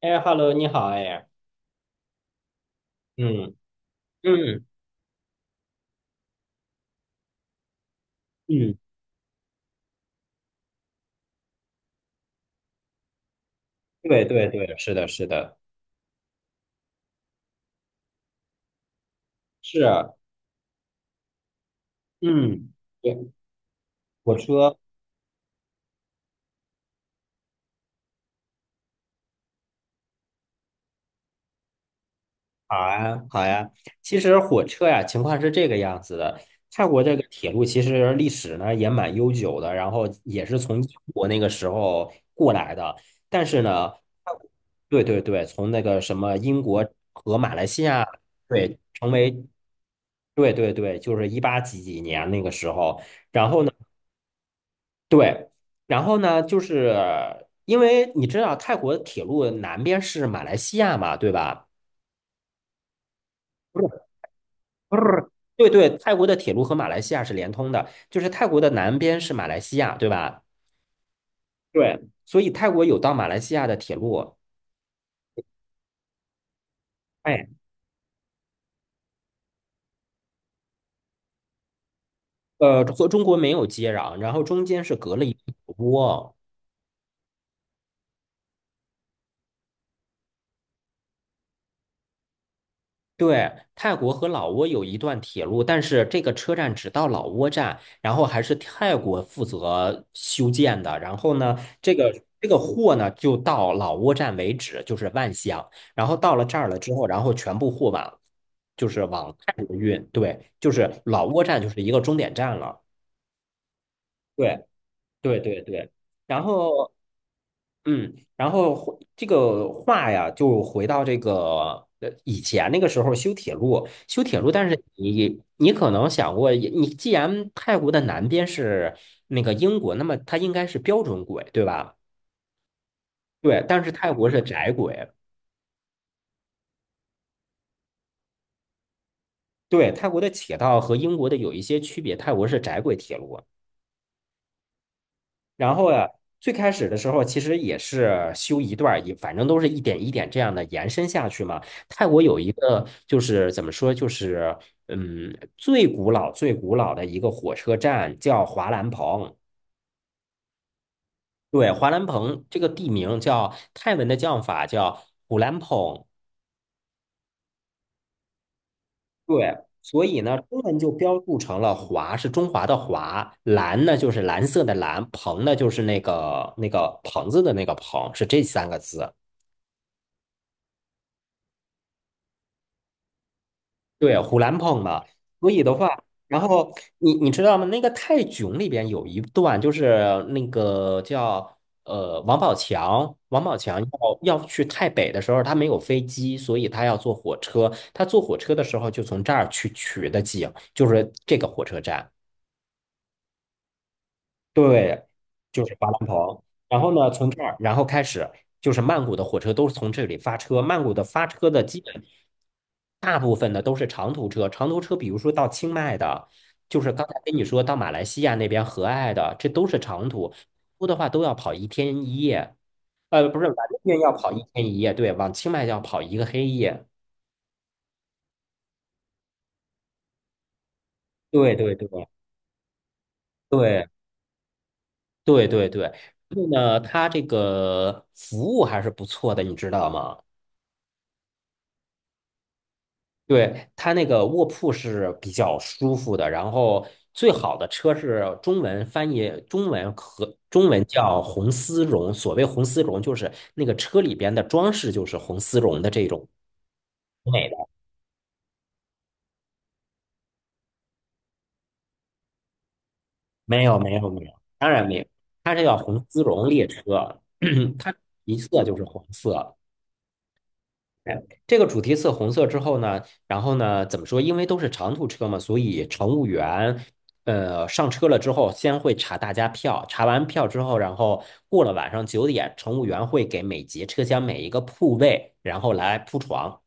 哎，Hello，你好，哎，嗯嗯嗯，对对对，是的，是的，是啊，嗯，对，火车，好啊，好呀。其实火车呀，情况是这个样子的。泰国这个铁路其实历史呢也蛮悠久的，然后也是从英国那个时候过来的。但是呢，泰国对对对，从那个什么英国和马来西亚，对，成为，对对对，就是一八几几年那个时候。然后呢，对，然后呢，就是因为你知道泰国铁路南边是马来西亚嘛，对吧？不是，不是。对对，泰国的铁路和马来西亚是连通的，就是泰国的南边是马来西亚，对吧？对，所以泰国有到马来西亚的铁路，哎，和中国没有接壤，然后中间是隔了一个窝。对，泰国和老挝有一段铁路，但是这个车站只到老挝站，然后还是泰国负责修建的。然后呢，这个货呢就到老挝站为止，就是万象。然后到了这儿了之后，然后全部货往就是往泰国运。对，就是老挝站就是一个终点站了。对对对对。然后嗯，然后回这个话呀，就回到这个以前那个时候修铁路，但是你可能想过，你既然泰国的南边是那个英国，那么它应该是标准轨，对吧？对，但是泰国是窄轨，对，泰国的铁道和英国的有一些区别，泰国是窄轨铁路。然后呀，最开始的时候其实也是修一段儿，也反正都是一点一点这样的延伸下去嘛。泰国有一个就是怎么说，就是嗯，最古老最古老的一个火车站叫华兰蓬。对，华兰蓬这个地名叫泰文的叫法叫虎兰蓬。对，所以呢，中文就标注成了华是中华的华，蓝呢就是蓝色的蓝，蓬呢就是那个棚子的那个棚，是这三个字。对，虎兰碰的，所以的话，然后你知道吗？那个泰囧里边有一段，就是那个叫王宝强，王宝强要去泰北的时候，他没有飞机，所以他要坐火车。他坐火车的时候，就从这儿去取的景，就是这个火车站。对，就是巴兰蓬，然后呢，从这儿，然后开始就是曼谷的火车都是从这里发车。曼谷的发车的基本大部分的都是长途车，长途车比如说到清迈的，就是刚才跟你说到马来西亚那边和爱的，这都是长途，多的话都要跑一天一夜。不是，往这边要跑一天一夜，对，往清迈要跑一个黑夜。对对对对对对对。然后呢，它这个服务还是不错的，你知道吗？对，它那个卧铺是比较舒服的，然后最好的车是中文翻译，中文和中文叫红丝绒。所谓红丝绒，就是那个车里边的装饰就是红丝绒的这种美的。没有，没有，没有，当然没有，它是叫红丝绒列车，它一色就是红色。哎，这个主题色红色之后呢，然后呢，怎么说？因为都是长途车嘛，所以乘务员，上车了之后，先会查大家票，查完票之后，然后过了晚上9点，乘务员会给每节车厢每一个铺位，然后来铺床，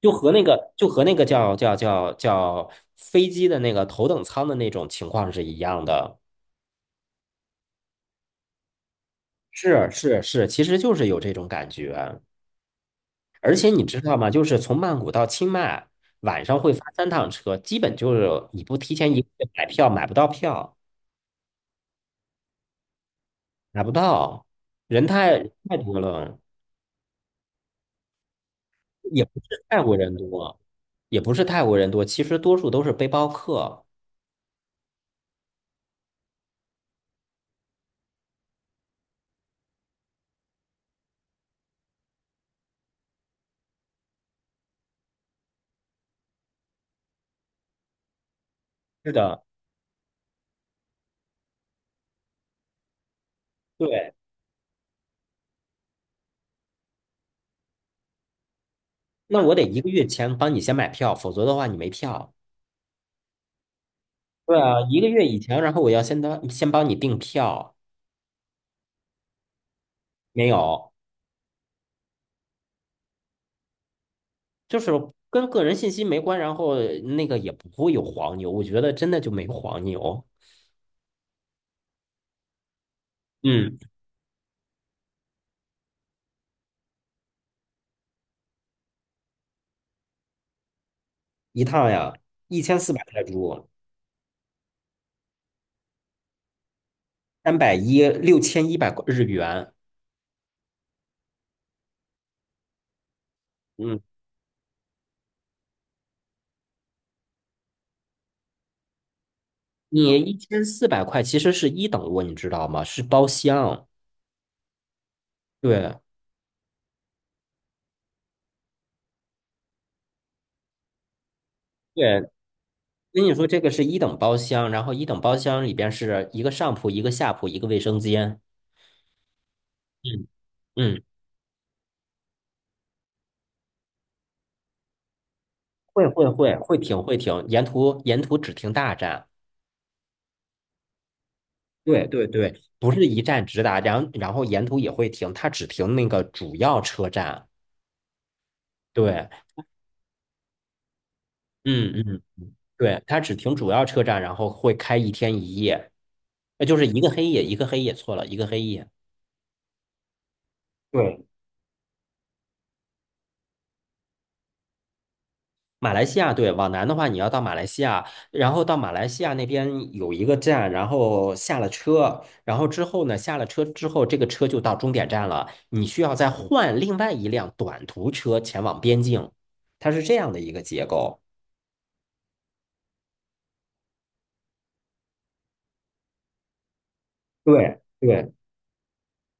就和那个叫飞机的那个头等舱的那种情况是一样的。是是是，其实就是有这种感觉。而且你知道吗？就是从曼谷到清迈，晚上会发3趟车，基本就是你不提前一个月买票，买不到票，买不到，人太多了，也不是泰国人多，也不是泰国人多，其实多数都是背包客。是的，对。那我得一个月前帮你先买票，否则的话你没票。对啊，一个月以前，然后我要先当先帮你订票，没有。就是跟个人信息没关，然后那个也不会有黄牛，我觉得真的就没有黄牛。嗯，一趟呀，1400泰铢，310，6100日元。嗯，你1400块其实是一等卧，你知道吗？是包厢。对对，跟你说这个是一等包厢，然后一等包厢里边是一个上铺、一个下铺、一个卫生间。嗯嗯，会停，沿途只停大站。对对对，不是一站直达，然后沿途也会停，它只停那个主要车站。对，嗯嗯，对，它只停主要车站，然后会开一天一夜，那就是一个黑夜，一个黑夜，错了，一个黑夜。对，马来西亚，对，往南的话，你要到马来西亚，然后到马来西亚那边有一个站，然后下了车，然后之后呢，下了车之后，这个车就到终点站了，你需要再换另外一辆短途车前往边境，它是这样的一个结构。对对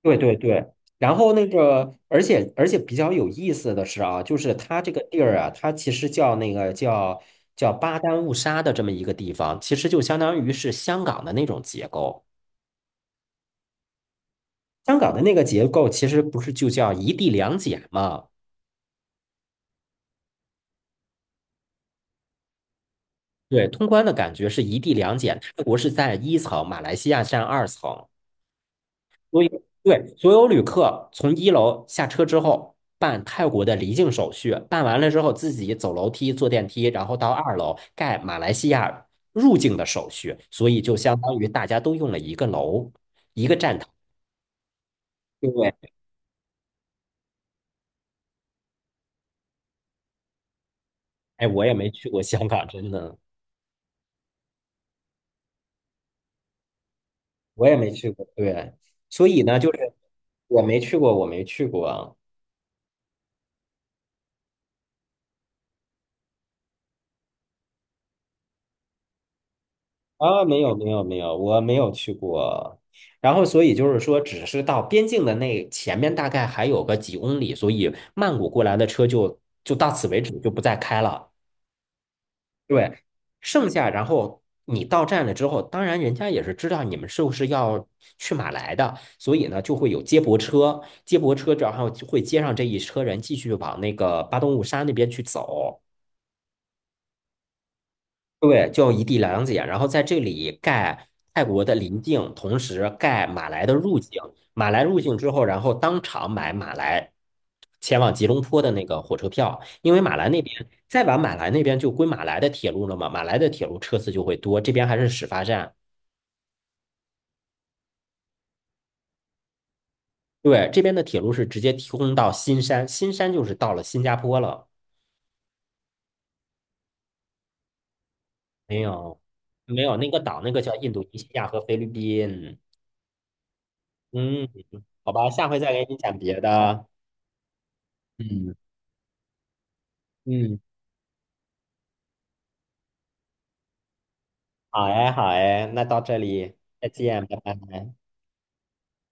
对对对，然后那个，而且比较有意思的是啊，就是它这个地儿啊，它其实叫那个叫巴丹误沙的这么一个地方，其实就相当于是香港的那种结构。香港的那个结构其实不是就叫一地两检嘛？对，通关的感觉是一地两检，泰国是在一层，马来西亚占二层。所以，对，所有旅客从一楼下车之后，办泰国的离境手续，办完了之后自己走楼梯、坐电梯，然后到二楼盖马来西亚入境的手续，所以就相当于大家都用了一个楼、一个站台。对，哎，我也没去过香港，真的，我也没去过。对，所以呢，就是我没去过，我没去过。啊，没有没有没有，我没有去过。然后，所以就是说，只是到边境的那前面大概还有个几公里，所以曼谷过来的车就到此为止，就不再开了。对，剩下然后你到站了之后，当然人家也是知道你们是不是要去马来的，所以呢就会有接驳车，接驳车然后就会接上这一车人，继续往那个巴东务沙那边去走。对，就一地两检，然后在这里盖泰国的邻境，同时盖马来的入境。马来入境之后，然后当场买马来前往吉隆坡的那个火车票，因为马来那边再往马来那边就归马来的铁路了嘛，马来的铁路车次就会多，这边还是始发站。对，这边的铁路是直接提供到新山，新山就是到了新加坡了。没有，没有，那个岛那个叫印度尼西亚和菲律宾。嗯，好吧，下回再给你讲别的。嗯嗯。好哎，好哎，那到这里，再见，拜拜。